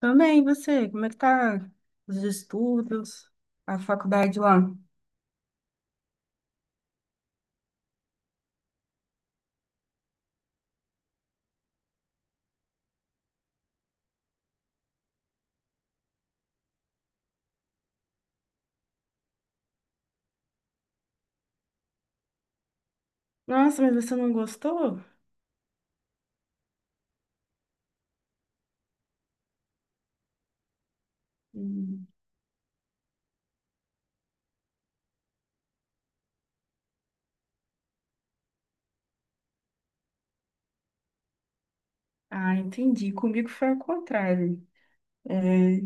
Também, e você, como é que tá os estudos, a faculdade lá? Nossa, mas você não gostou? Hum. Ah, entendi. Comigo foi ao contrário. É,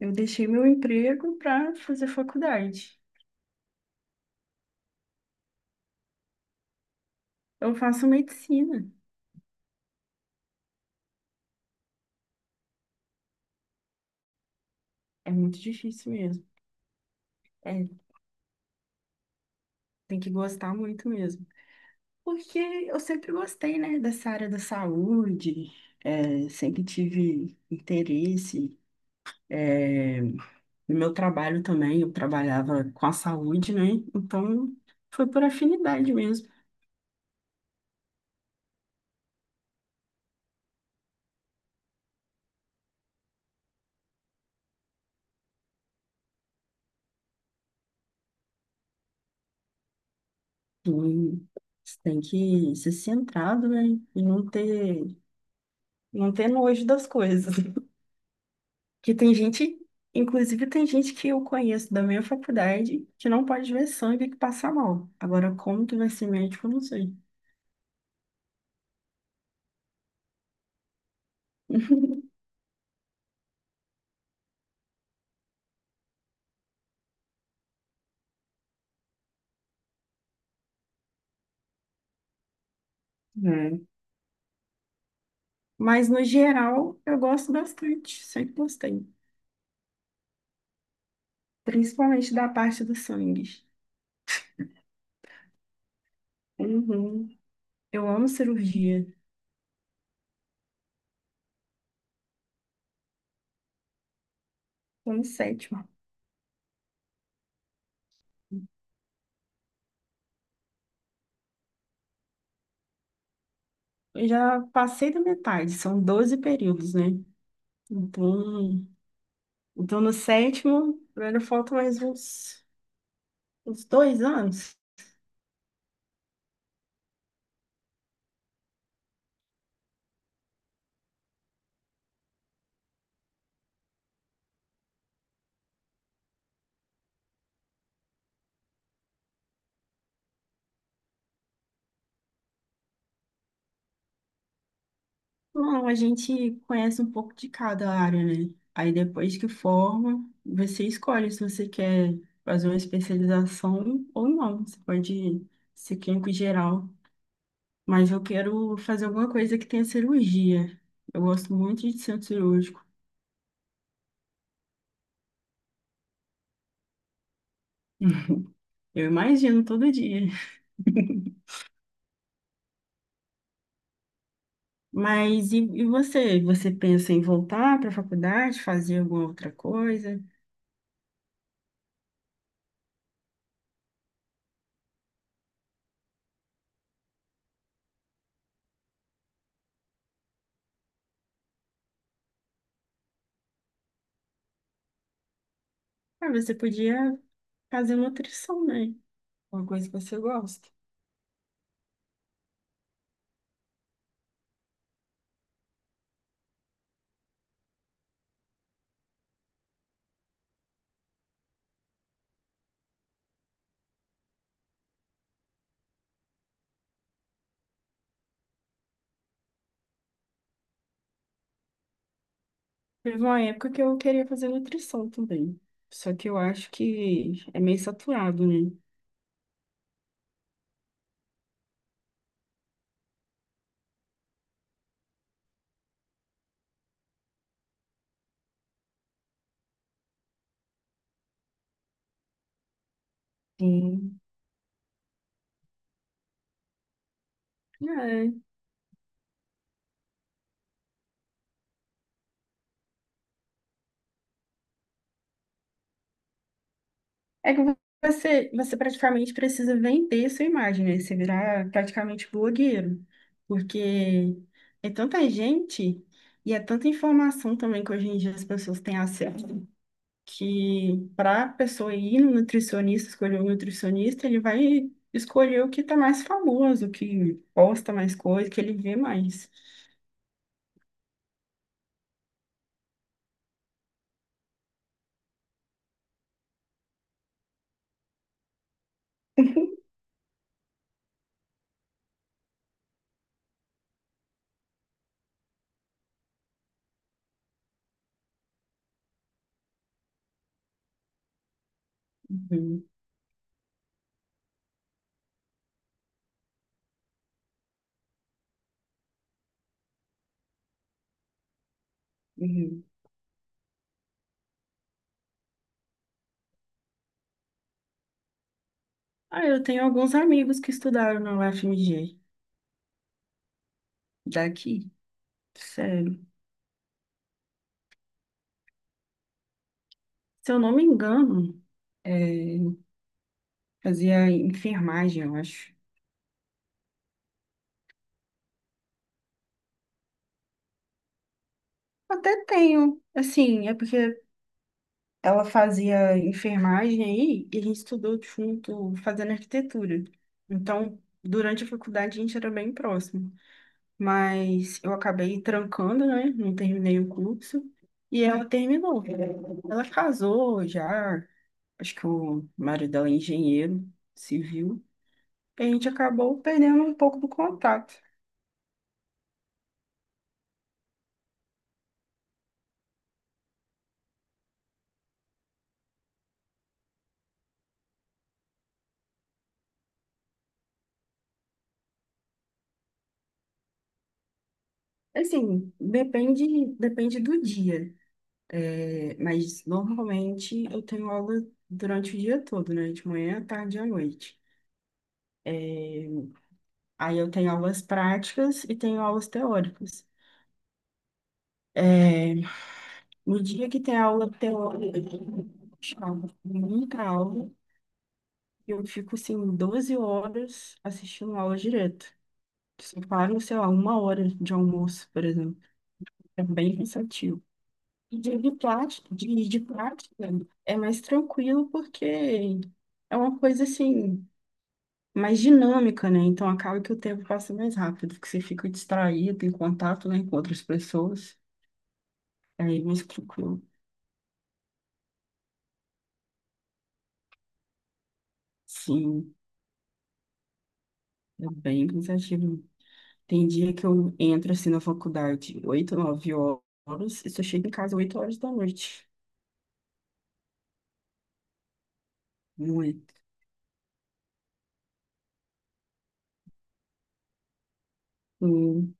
eu deixei meu emprego para fazer faculdade. Eu faço medicina. É muito difícil mesmo. É, tem que gostar muito mesmo. Porque eu sempre gostei, né, dessa área da saúde. É, sempre tive interesse. é, No meu trabalho também, eu trabalhava com a saúde, né? Então, foi por afinidade mesmo. E você tem que ser centrado, né? E não ter nojo das coisas. Que tem gente, Inclusive tem gente que eu conheço da minha faculdade que não pode ver sangue e que passa mal. Agora, como que vai ser médico, eu não sei. É. Mas, no geral, eu gosto bastante, sempre gostei. Principalmente da parte do sangue. Uhum. Eu amo cirurgia. Tô no sétimo. Eu já passei da metade, são 12 períodos, né? Então, então no sétimo, ainda falta mais uns 2 anos. Não, a gente conhece um pouco de cada área, né? Aí depois que forma, você escolhe se você quer fazer uma especialização ou não. Você pode ser clínico geral. Mas eu quero fazer alguma coisa que tenha cirurgia. Eu gosto muito de centro cirúrgico. Eu imagino todo dia. Mas e você? Você pensa em voltar para a faculdade, fazer alguma outra coisa? Ah, você podia fazer nutrição, né? Uma coisa que você gosta. Teve uma época que eu queria fazer nutrição também. Só que eu acho que é meio saturado, né? Sim. É que você praticamente precisa vender sua imagem, né? Você virar praticamente blogueiro. Porque é tanta gente e é tanta informação também que hoje em dia as pessoas têm acesso, que para a pessoa ir no nutricionista, escolher o nutricionista, ele vai escolher o que está mais famoso, que posta mais coisa, que ele vê mais. Uhum, uhum. Ah, eu tenho alguns amigos que estudaram na UFMG daqui, sério. Se eu não me engano, é, fazia enfermagem, eu acho. Até tenho, assim, é porque ela fazia enfermagem aí e a gente estudou junto fazendo arquitetura. Então, durante a faculdade a gente era bem próximo, mas eu acabei trancando, né? Não terminei o curso e ela terminou. Ela casou já, acho que o marido dela é engenheiro civil. E a gente acabou perdendo um pouco do contato. Assim, depende do dia. É, mas normalmente eu tenho aula durante o dia todo, né? De manhã, à tarde e à noite. É, Aí eu tenho aulas práticas e tenho aulas teóricas. É, no dia que tem aula teórica, chama muita aula, eu fico assim 12 horas assistindo aula direto. Só paro, sei lá, 1 hora de almoço, por exemplo. É bem cansativo. E dia de prática, de prática é mais tranquilo porque é uma coisa assim, mais dinâmica, né? Então acaba que o tempo passa mais rápido, porque você fica distraído em contato, né, com outras pessoas. Aí é mais tranquilo. Sim, é bem cansativo. Tem dia que eu entro assim na faculdade, 8, 9 horas, e só chego em casa 8 horas da noite. Muito. Hum.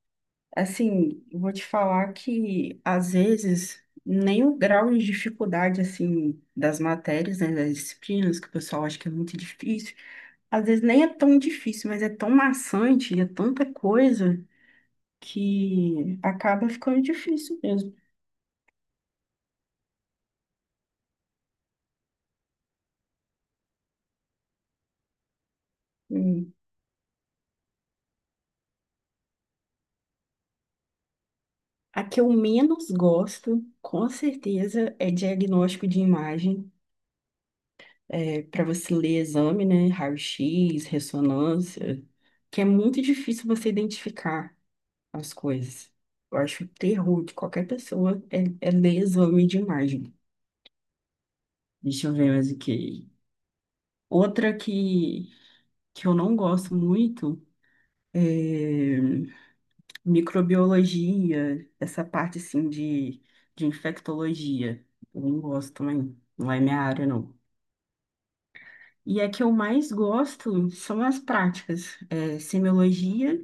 Assim, eu vou te falar que às vezes nem o grau de dificuldade assim das matérias, né, das disciplinas que o pessoal acha que é muito difícil. Às vezes nem é tão difícil, mas é tão maçante, é tanta coisa que acaba ficando difícil mesmo. Hum. A que eu menos gosto, com certeza, é diagnóstico de imagem, para você ler exame, né? Raio-x, ressonância, que é muito difícil você identificar as coisas. Eu acho o terror de qualquer pessoa é, é ler exame de imagem. Deixa eu ver mais o que. Outra que eu não gosto muito. eh, Microbiologia, essa parte assim de infectologia. Eu não gosto também, não é minha área, não. E a que eu mais gosto são as práticas, semiologia,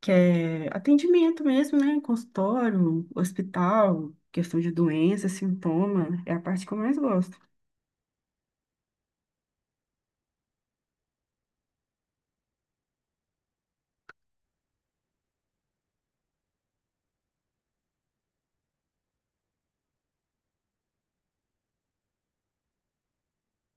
que é atendimento mesmo, né? Consultório, hospital, questão de doença, sintoma, é a parte que eu mais gosto.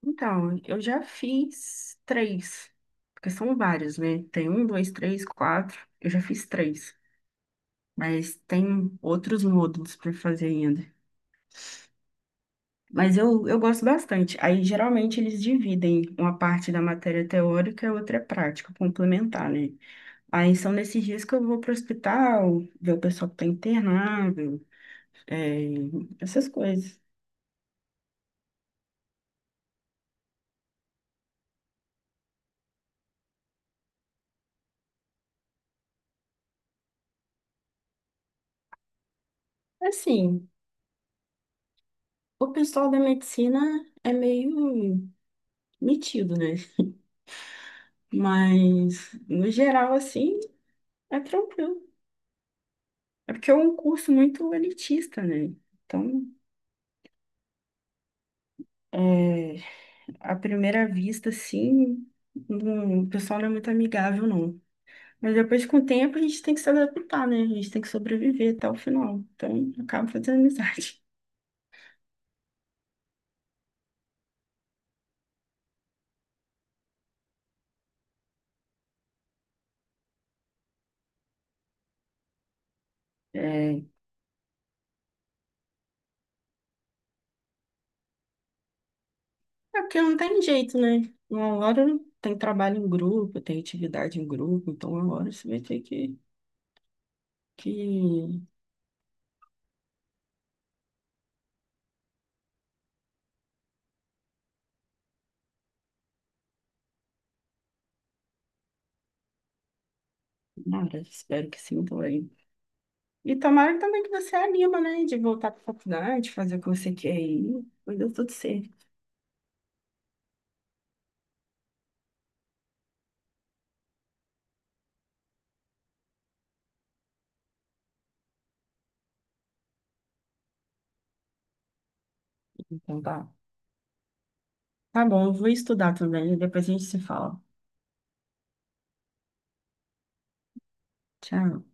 Então, eu já fiz três, porque são vários, né? Tem um, dois, três, quatro, eu já fiz três. Mas tem outros módulos para fazer ainda. Mas eu gosto bastante. Aí, geralmente, eles dividem uma parte da matéria teórica e outra é prática, complementar, né? Aí, são nesses dias que eu vou para o hospital, ver o pessoal que está internado, é, essas coisas. Assim, o pessoal da medicina é meio metido, né? Mas, no geral, assim, é tranquilo. É porque é um curso muito elitista, né? Então, é à primeira vista, assim, o pessoal não é muito amigável, não. Mas depois, com o tempo, a gente tem que se adaptar, né? A gente tem que sobreviver até o final. Então, acaba fazendo amizade. É, é, porque não tem jeito, né? Uma hora tem trabalho em grupo, tem atividade em grupo, então uma hora você vai ter que... Nada, espero que sim também. E tomara também que você anima, né? De voltar para faculdade, fazer o que você quer aí. Mas deu tudo certo. Então tá. Tá bom, eu vou estudar também, depois a gente se fala. Tchau.